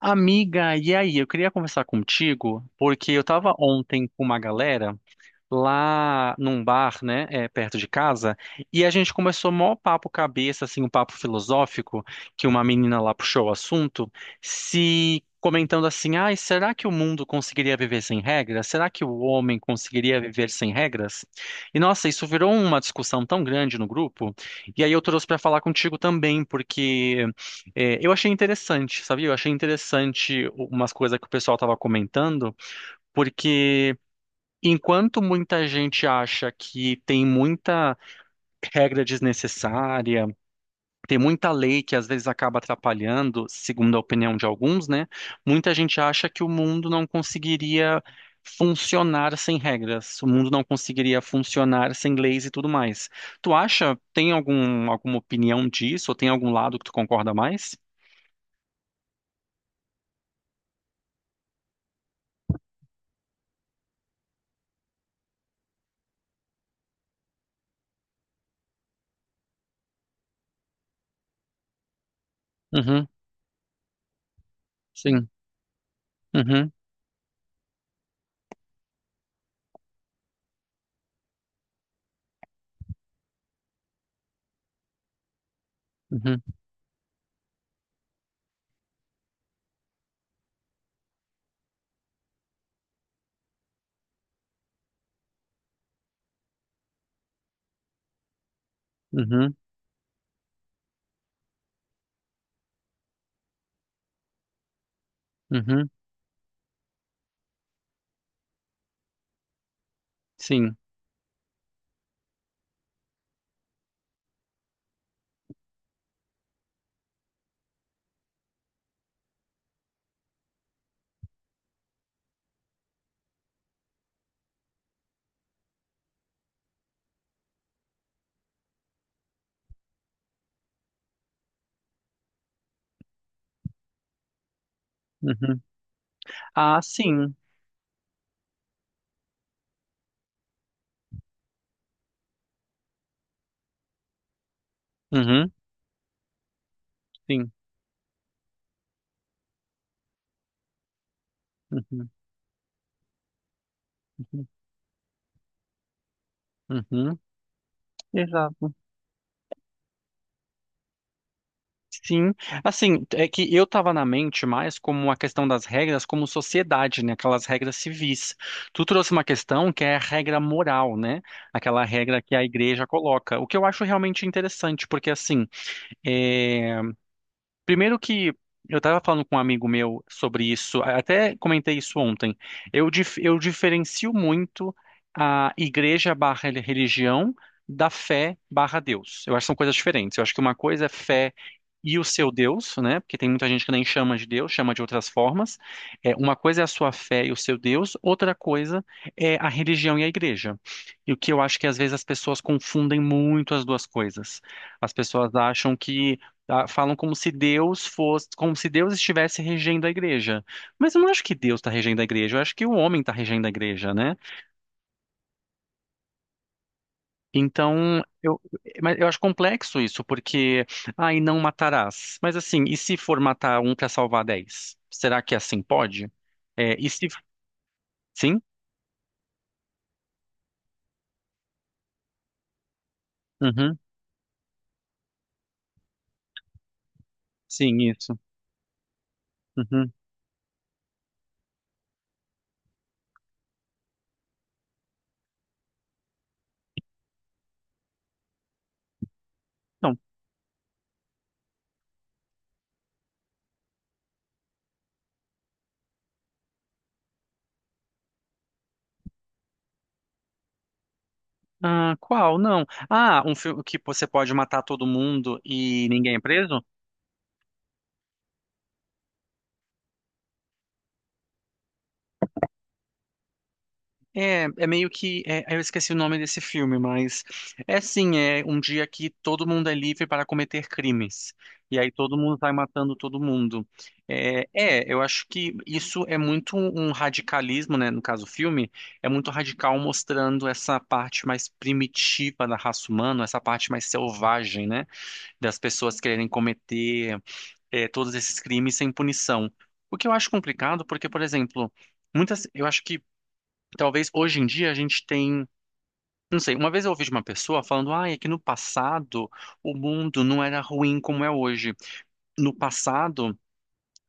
Amiga, e aí? Eu queria conversar contigo porque eu tava ontem com uma galera lá num bar, né, perto de casa, e a gente começou mó papo cabeça, assim, um papo filosófico, que uma menina lá puxou o assunto, se comentando assim, ai, será que o mundo conseguiria viver sem regras? Será que o homem conseguiria viver sem regras? E nossa, isso virou uma discussão tão grande no grupo, e aí eu trouxe para falar contigo também, porque eu achei interessante, sabia? Eu achei interessante umas coisas que o pessoal estava comentando, porque enquanto muita gente acha que tem muita regra desnecessária, tem muita lei que às vezes acaba atrapalhando, segundo a opinião de alguns, né? Muita gente acha que o mundo não conseguiria funcionar sem regras, o mundo não conseguiria funcionar sem leis e tudo mais. Tem alguma opinião disso, ou tem algum lado que tu concorda mais? Uhum, sim. Uhum, uhum, uhum, uhum, sim. Uhum. Ah, sim. Uhum, sim. Uhum. Uhum, exato. Sim, assim, é que eu tava na mente mais como a questão das regras como sociedade, né? Aquelas regras civis. Tu trouxe uma questão que é a regra moral, né? Aquela regra que a igreja coloca, o que eu acho realmente interessante, porque assim, eh, primeiro que eu estava falando com um amigo meu sobre isso, até comentei isso ontem. Eu diferencio muito a igreja barra religião da fé barra Deus. Eu acho que são coisas diferentes. Eu acho que uma coisa é fé e o seu Deus, né? Porque tem muita gente que nem chama de Deus, chama de outras formas. É, uma coisa é a sua fé e o seu Deus, outra coisa é a religião e a igreja. E o que eu acho que às vezes as pessoas confundem muito as duas coisas. As pessoas acham que tá? Falam como se Deus fosse, como se Deus estivesse regendo a igreja. Mas eu não acho que Deus está regendo a igreja, eu acho que o homem está regendo a igreja, né? Então, mas eu acho complexo isso, porque, ah, e não matarás. Mas assim, e se for matar um para salvar dez? Será que é assim pode? É, e se, sim? Uhum. Sim, isso. Uhum. Então, ah, qual? Não. Ah, um filme que você pode matar todo mundo e ninguém é preso? É meio que. Eu esqueci o nome desse filme, mas é assim: é um dia que todo mundo é livre para cometer crimes. E aí todo mundo vai matando todo mundo. É, eu acho que isso é muito um radicalismo, né? No caso, o filme é muito radical mostrando essa parte mais primitiva da raça humana, essa parte mais selvagem, né? Das pessoas quererem cometer, todos esses crimes sem punição. O que eu acho complicado, porque, por exemplo. Eu acho que talvez hoje em dia a gente tem, não sei, uma vez eu ouvi de uma pessoa falando, ah, é que no passado o mundo não era ruim como é hoje. No passado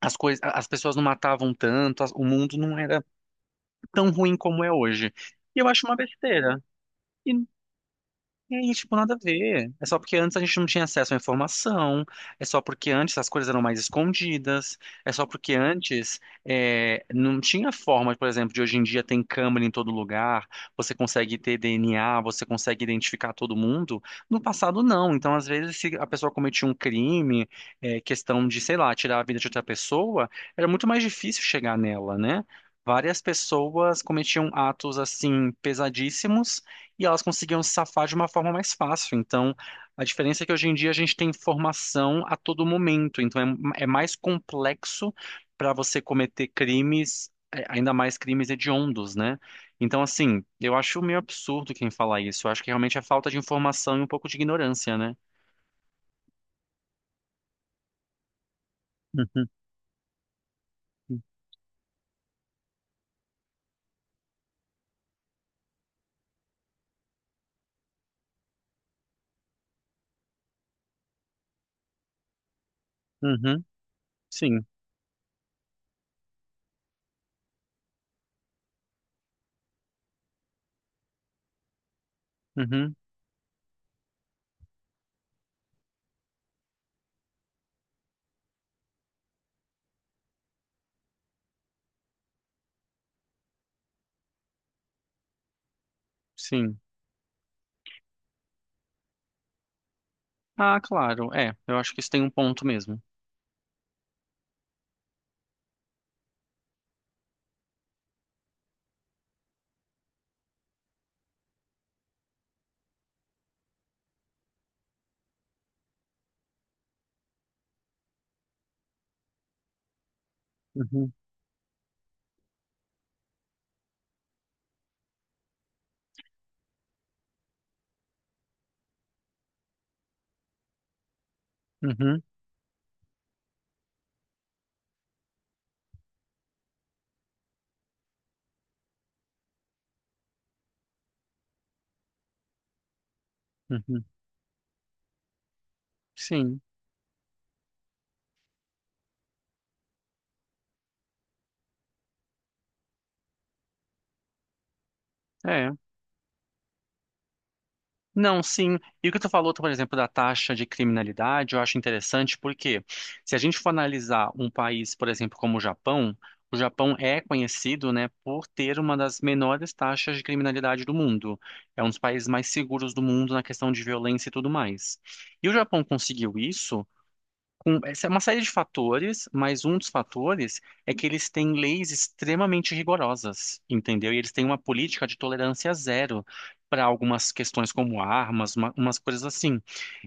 as coisas, as pessoas não matavam tanto, o mundo não era tão ruim como é hoje. E eu acho uma besteira. E aí, tipo, nada a ver. É só porque antes a gente não tinha acesso à informação, é só porque antes as coisas eram mais escondidas, é só porque antes não tinha forma, por exemplo, de hoje em dia tem câmera em todo lugar, você consegue ter DNA, você consegue identificar todo mundo. No passado, não. Então, às vezes, se a pessoa cometia um crime, questão de, sei lá, tirar a vida de outra pessoa, era muito mais difícil chegar nela, né? Várias pessoas cometiam atos assim pesadíssimos e elas conseguiam se safar de uma forma mais fácil. Então, a diferença é que hoje em dia a gente tem informação a todo momento, então é mais complexo para você cometer crimes, ainda mais crimes hediondos, né? Então, assim, eu acho meio absurdo quem fala isso. Eu acho que realmente é falta de informação e um pouco de ignorância, né? Uhum, uhum, sim, uhum, sim. Ah, claro, é, eu acho que isso tem um ponto mesmo. Uhum, uhum, uhum, sim. É. Não, sim. E o que tu falou, tu, por exemplo, da taxa de criminalidade, eu acho interessante porque se a gente for analisar um país, por exemplo, como o Japão é conhecido, né, por ter uma das menores taxas de criminalidade do mundo. É um dos países mais seguros do mundo na questão de violência e tudo mais. E o Japão conseguiu isso essa é uma série de fatores, mas um dos fatores é que eles têm leis extremamente rigorosas, entendeu? E eles têm uma política de tolerância zero para algumas questões como armas, umas coisas assim.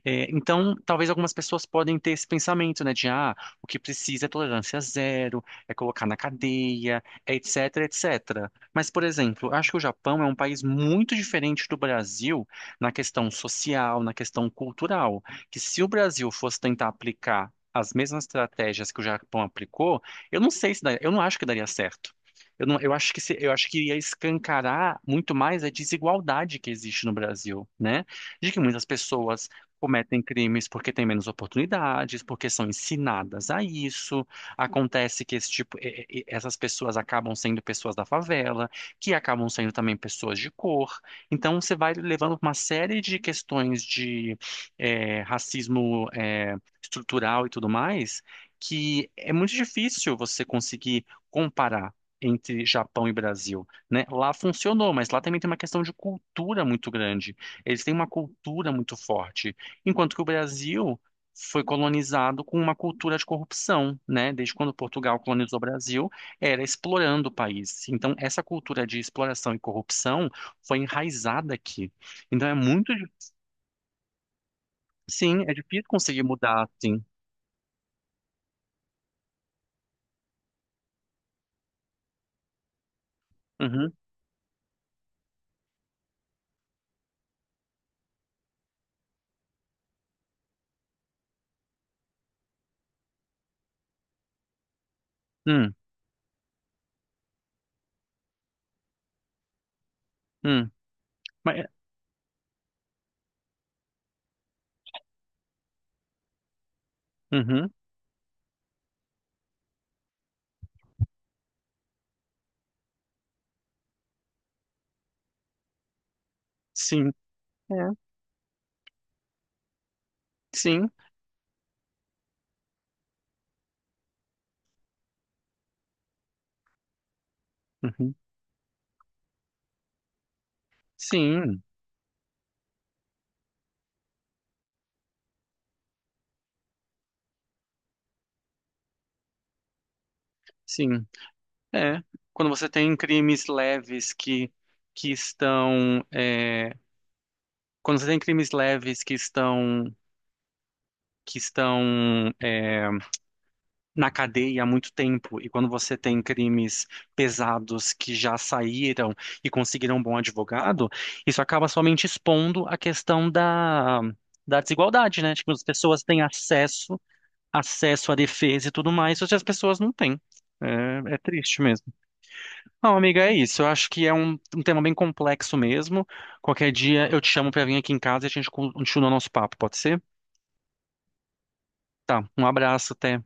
É, então, talvez algumas pessoas podem ter esse pensamento, né, de ah, o que precisa é tolerância zero, é colocar na cadeia, é etc, etc. Mas, por exemplo, acho que o Japão é um país muito diferente do Brasil na questão social, na questão cultural que se o Brasil fosse tentar aplicar as mesmas estratégias que o Japão aplicou, eu não sei se daria, eu não acho que daria certo. Eu não, eu acho que ia escancarar muito mais a desigualdade que existe no Brasil, né? De que muitas pessoas cometem crimes porque têm menos oportunidades, porque são ensinadas a isso. Acontece que esse tipo, essas pessoas acabam sendo pessoas da favela, que acabam sendo também pessoas de cor. Então você vai levando uma série de questões de racismo estrutural e tudo mais, que é muito difícil você conseguir comparar entre Japão e Brasil, né? Lá funcionou, mas lá também tem uma questão de cultura muito grande. Eles têm uma cultura muito forte, enquanto que o Brasil foi colonizado com uma cultura de corrupção, né? Desde quando Portugal colonizou o Brasil, era explorando o país. Então, essa cultura de exploração e corrupção foi enraizada aqui. Então, é muito. Sim, é difícil conseguir mudar, sim. Uhum. Hum, hum. Mas, uhum. Sim. É. Sim. Uhum. Sim. Sim. É. Quando você tem crimes leves que estão. Quando você tem crimes leves que estão. Que estão. Na cadeia há muito tempo, e quando você tem crimes pesados que já saíram e conseguiram um bom advogado, isso acaba somente expondo a questão da desigualdade, né? Tipo, as pessoas têm acesso, acesso à defesa e tudo mais, só que as pessoas não têm. É, é triste mesmo. Não, amiga, é isso. Eu acho que é um tema bem complexo mesmo. Qualquer dia eu te chamo pra vir aqui em casa e a gente continua o nosso papo, pode ser? Tá, um abraço, até.